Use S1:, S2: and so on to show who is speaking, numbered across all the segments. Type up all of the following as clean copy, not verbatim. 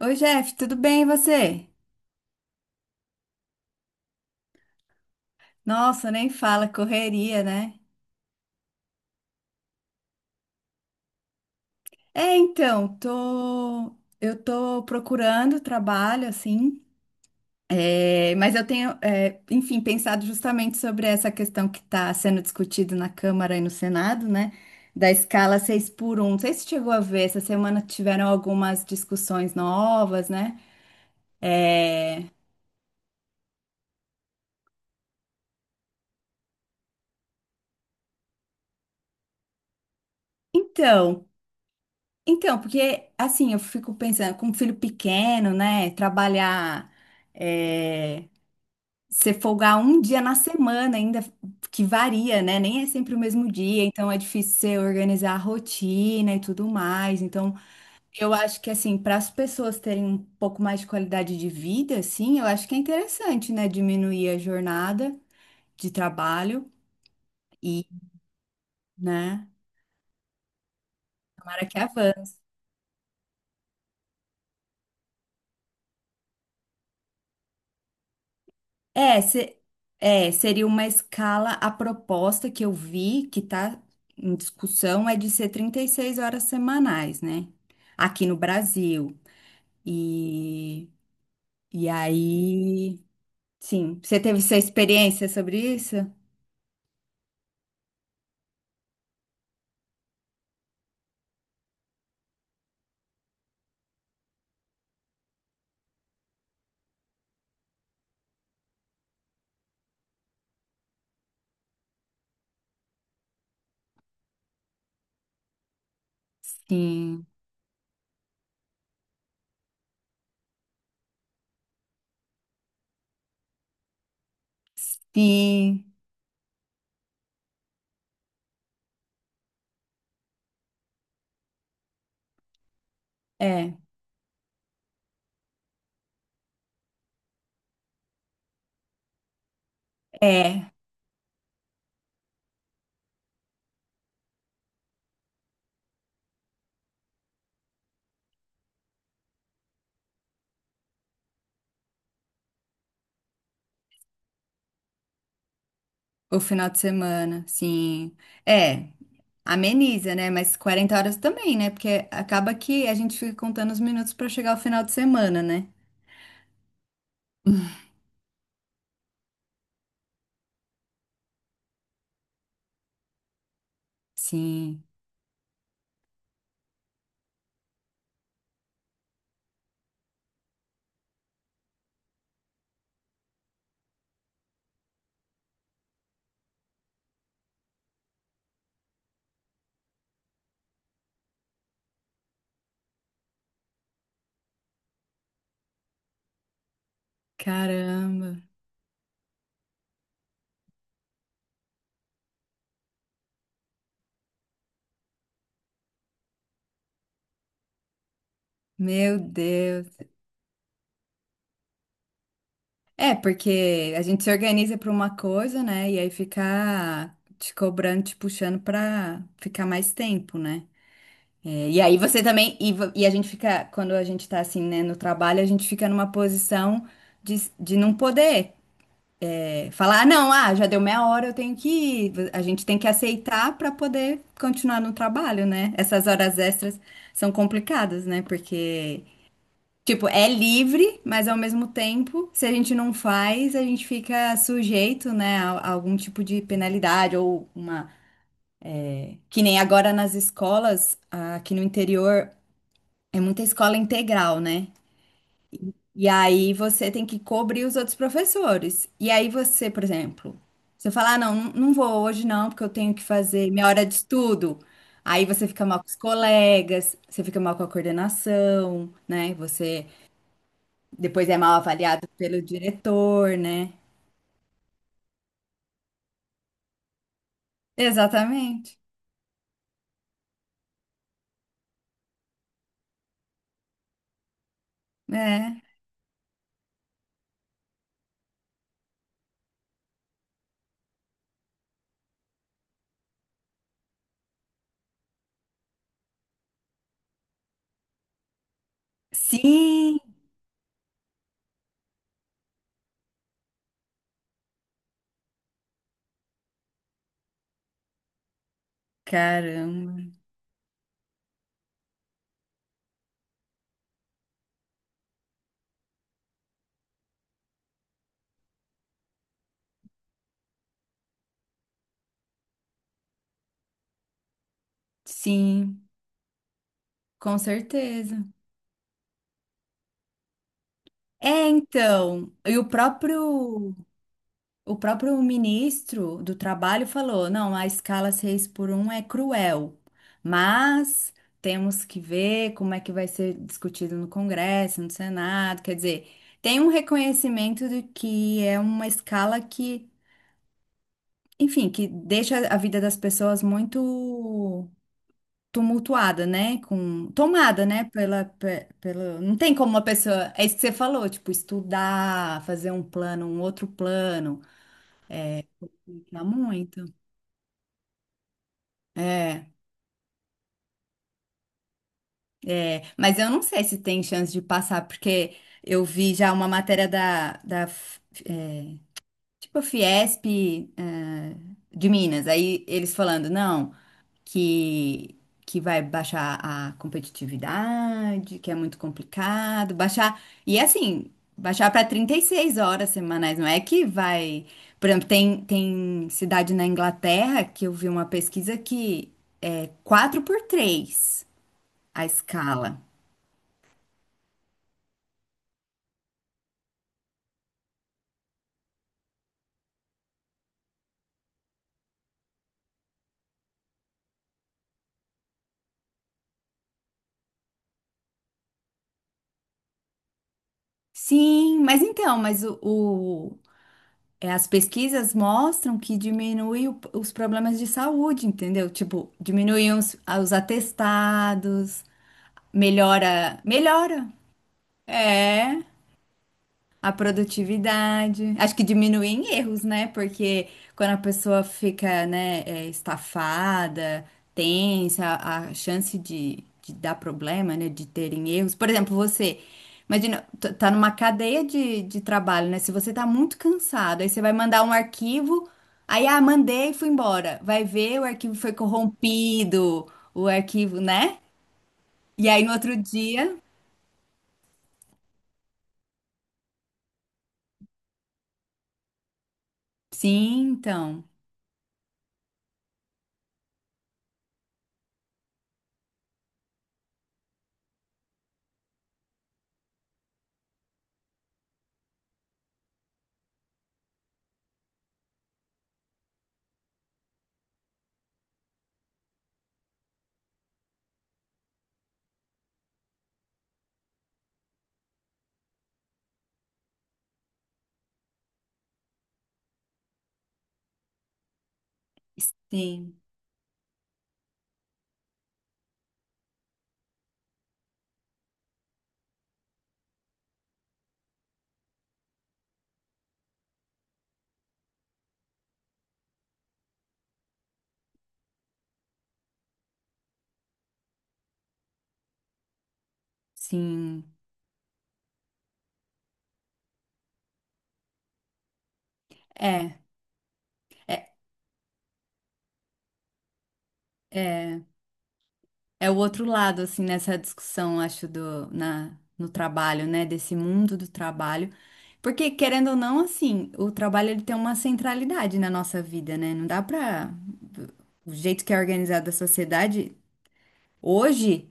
S1: Oi, Jeff, tudo bem e você? Nossa, nem fala, correria, né? Então, eu tô procurando trabalho, assim, mas eu tenho, enfim, pensado justamente sobre essa questão que está sendo discutida na Câmara e no Senado, né? Da escala 6 por um. Não sei se chegou a ver, essa semana tiveram algumas discussões novas, né? É, Então, Então, porque assim, eu fico pensando, com um filho pequeno, né? Trabalhar, é, você folgar um dia na semana, ainda que varia, né? Nem é sempre o mesmo dia, então é difícil você organizar a rotina e tudo mais. Então, eu acho que assim, para as pessoas terem um pouco mais de qualidade de vida, assim, eu acho que é interessante, né? Diminuir a jornada de trabalho e, né? Para que avance. É, se- Seria uma escala. A proposta que eu vi, que está em discussão, é de ser 36 horas semanais, né? Aqui no Brasil. E, e aí, sim. Você teve sua experiência sobre isso? Sim, sim. É, é. O final de semana, sim. É, Ameniza, né? Mas 40 horas também, né? Porque acaba que a gente fica contando os minutos para chegar ao final de semana, né? Sim. Caramba, meu Deus. É, porque a gente se organiza para uma coisa, né? E aí fica te cobrando, te puxando para ficar mais tempo, né? É, e aí você também. E a gente fica, quando a gente tá assim, né, no trabalho, a gente fica numa posição de não poder falar, "Ah, não, ah, já deu meia hora, eu tenho que ir. A gente tem que aceitar para poder continuar no trabalho, né? Essas horas extras são complicadas, né? Porque. Tipo, é livre, mas ao mesmo tempo, se a gente não faz, a gente fica sujeito, né, a algum tipo de penalidade ou uma. Que nem agora nas escolas, ah, aqui no interior, é muita escola integral, né? E aí você tem que cobrir os outros professores. E aí você, por exemplo, você fala, ah, não, não vou hoje não, porque eu tenho que fazer minha hora de estudo. Aí você fica mal com os colegas, você fica mal com a coordenação, né? Você depois é mal avaliado pelo diretor, né? Exatamente. É. Sim, caramba. Sim, com certeza. Então, e o próprio ministro do Trabalho falou, não, a escala 6 por um é cruel, mas temos que ver como é que vai ser discutido no Congresso, no Senado, quer dizer, tem um reconhecimento de que é uma escala que enfim, que deixa a vida das pessoas muito tumultuada, né? Com tomada, né? Pela, pe- pelo, não tem como uma pessoa, é isso que você falou, tipo, estudar, fazer um plano, um outro plano. Dá muito. É, é, mas eu não sei se tem chance de passar, porque eu vi já uma matéria da tipo a Fiesp, eh, de Minas. Aí eles falando, não, que, que vai baixar a competitividade, que é muito complicado, baixar. E é assim, baixar para 36 horas semanais, não é que vai. Por exemplo, tem cidade na Inglaterra que eu vi uma pesquisa que é 4 por 3 a escala. Sim, mas então, mas é, as pesquisas mostram que diminui os problemas de saúde, entendeu? Tipo, diminuem os atestados, melhora, melhora. É. A produtividade. Acho que diminui em erros, né? Porque quando a pessoa fica, né, estafada, tensa, a chance de dar problema, né? De terem erros. Por exemplo, você. Imagina, tá numa cadeia de trabalho, né? Se você tá muito cansado, aí você vai mandar um arquivo, aí, ah, mandei e fui embora. Vai ver, o arquivo foi corrompido, o arquivo, né? E aí, no outro dia, sim, então, sim, sim. É, é, é, é o outro lado, assim, nessa discussão, acho, do, na, no trabalho, né? Desse mundo do trabalho. Porque, querendo ou não, assim, o trabalho ele tem uma centralidade na nossa vida, né? Não dá pra. O jeito que é organizada a sociedade, hoje,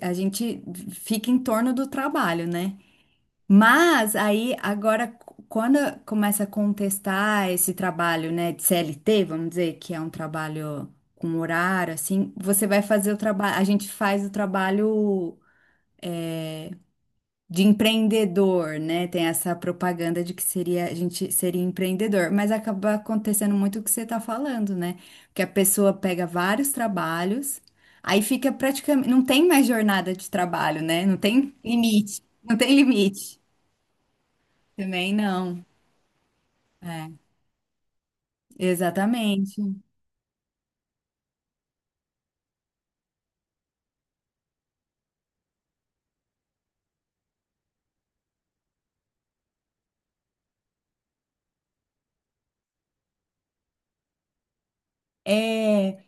S1: a gente fica em torno do trabalho, né? Mas aí agora quando começa a contestar esse trabalho, né, de CLT, vamos dizer, que é um trabalho com horário assim, você vai fazer o trabalho, a gente faz o trabalho de empreendedor, né? Tem essa propaganda de que seria a gente seria empreendedor, mas acaba acontecendo muito o que você está falando, né? Que a pessoa pega vários trabalhos, aí fica praticamente, não tem mais jornada de trabalho, né? Não tem limite, não tem limite. Também não. É. Exatamente. É,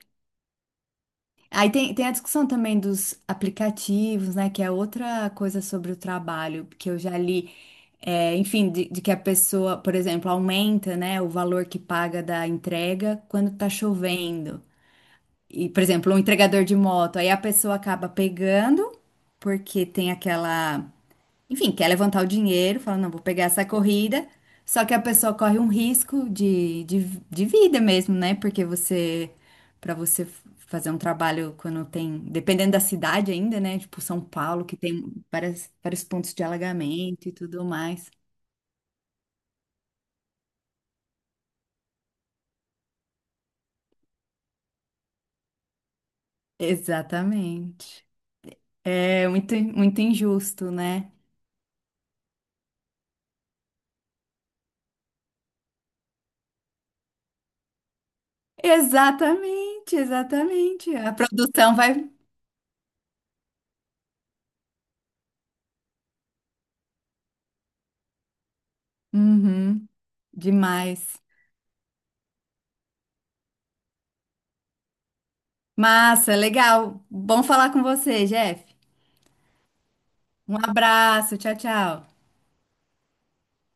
S1: aí tem a discussão também dos aplicativos, né? Que é outra coisa sobre o trabalho, que eu já li, é, enfim, de que a pessoa, por exemplo, aumenta, né, o valor que paga da entrega quando tá chovendo. E, por exemplo, um entregador de moto, aí a pessoa acaba pegando, porque tem aquela. Enfim, quer levantar o dinheiro, fala, não, vou pegar essa corrida. Só que a pessoa corre um risco de, de vida mesmo, né? Porque você, para você fazer um trabalho quando tem, dependendo da cidade ainda, né? Tipo São Paulo, que tem várias, vários pontos de alagamento e tudo mais. Exatamente. É muito, muito injusto, né? Exatamente, exatamente. A produção vai. Uhum, demais. Massa, legal. Bom falar com você, Jeff. Um abraço, tchau, tchau.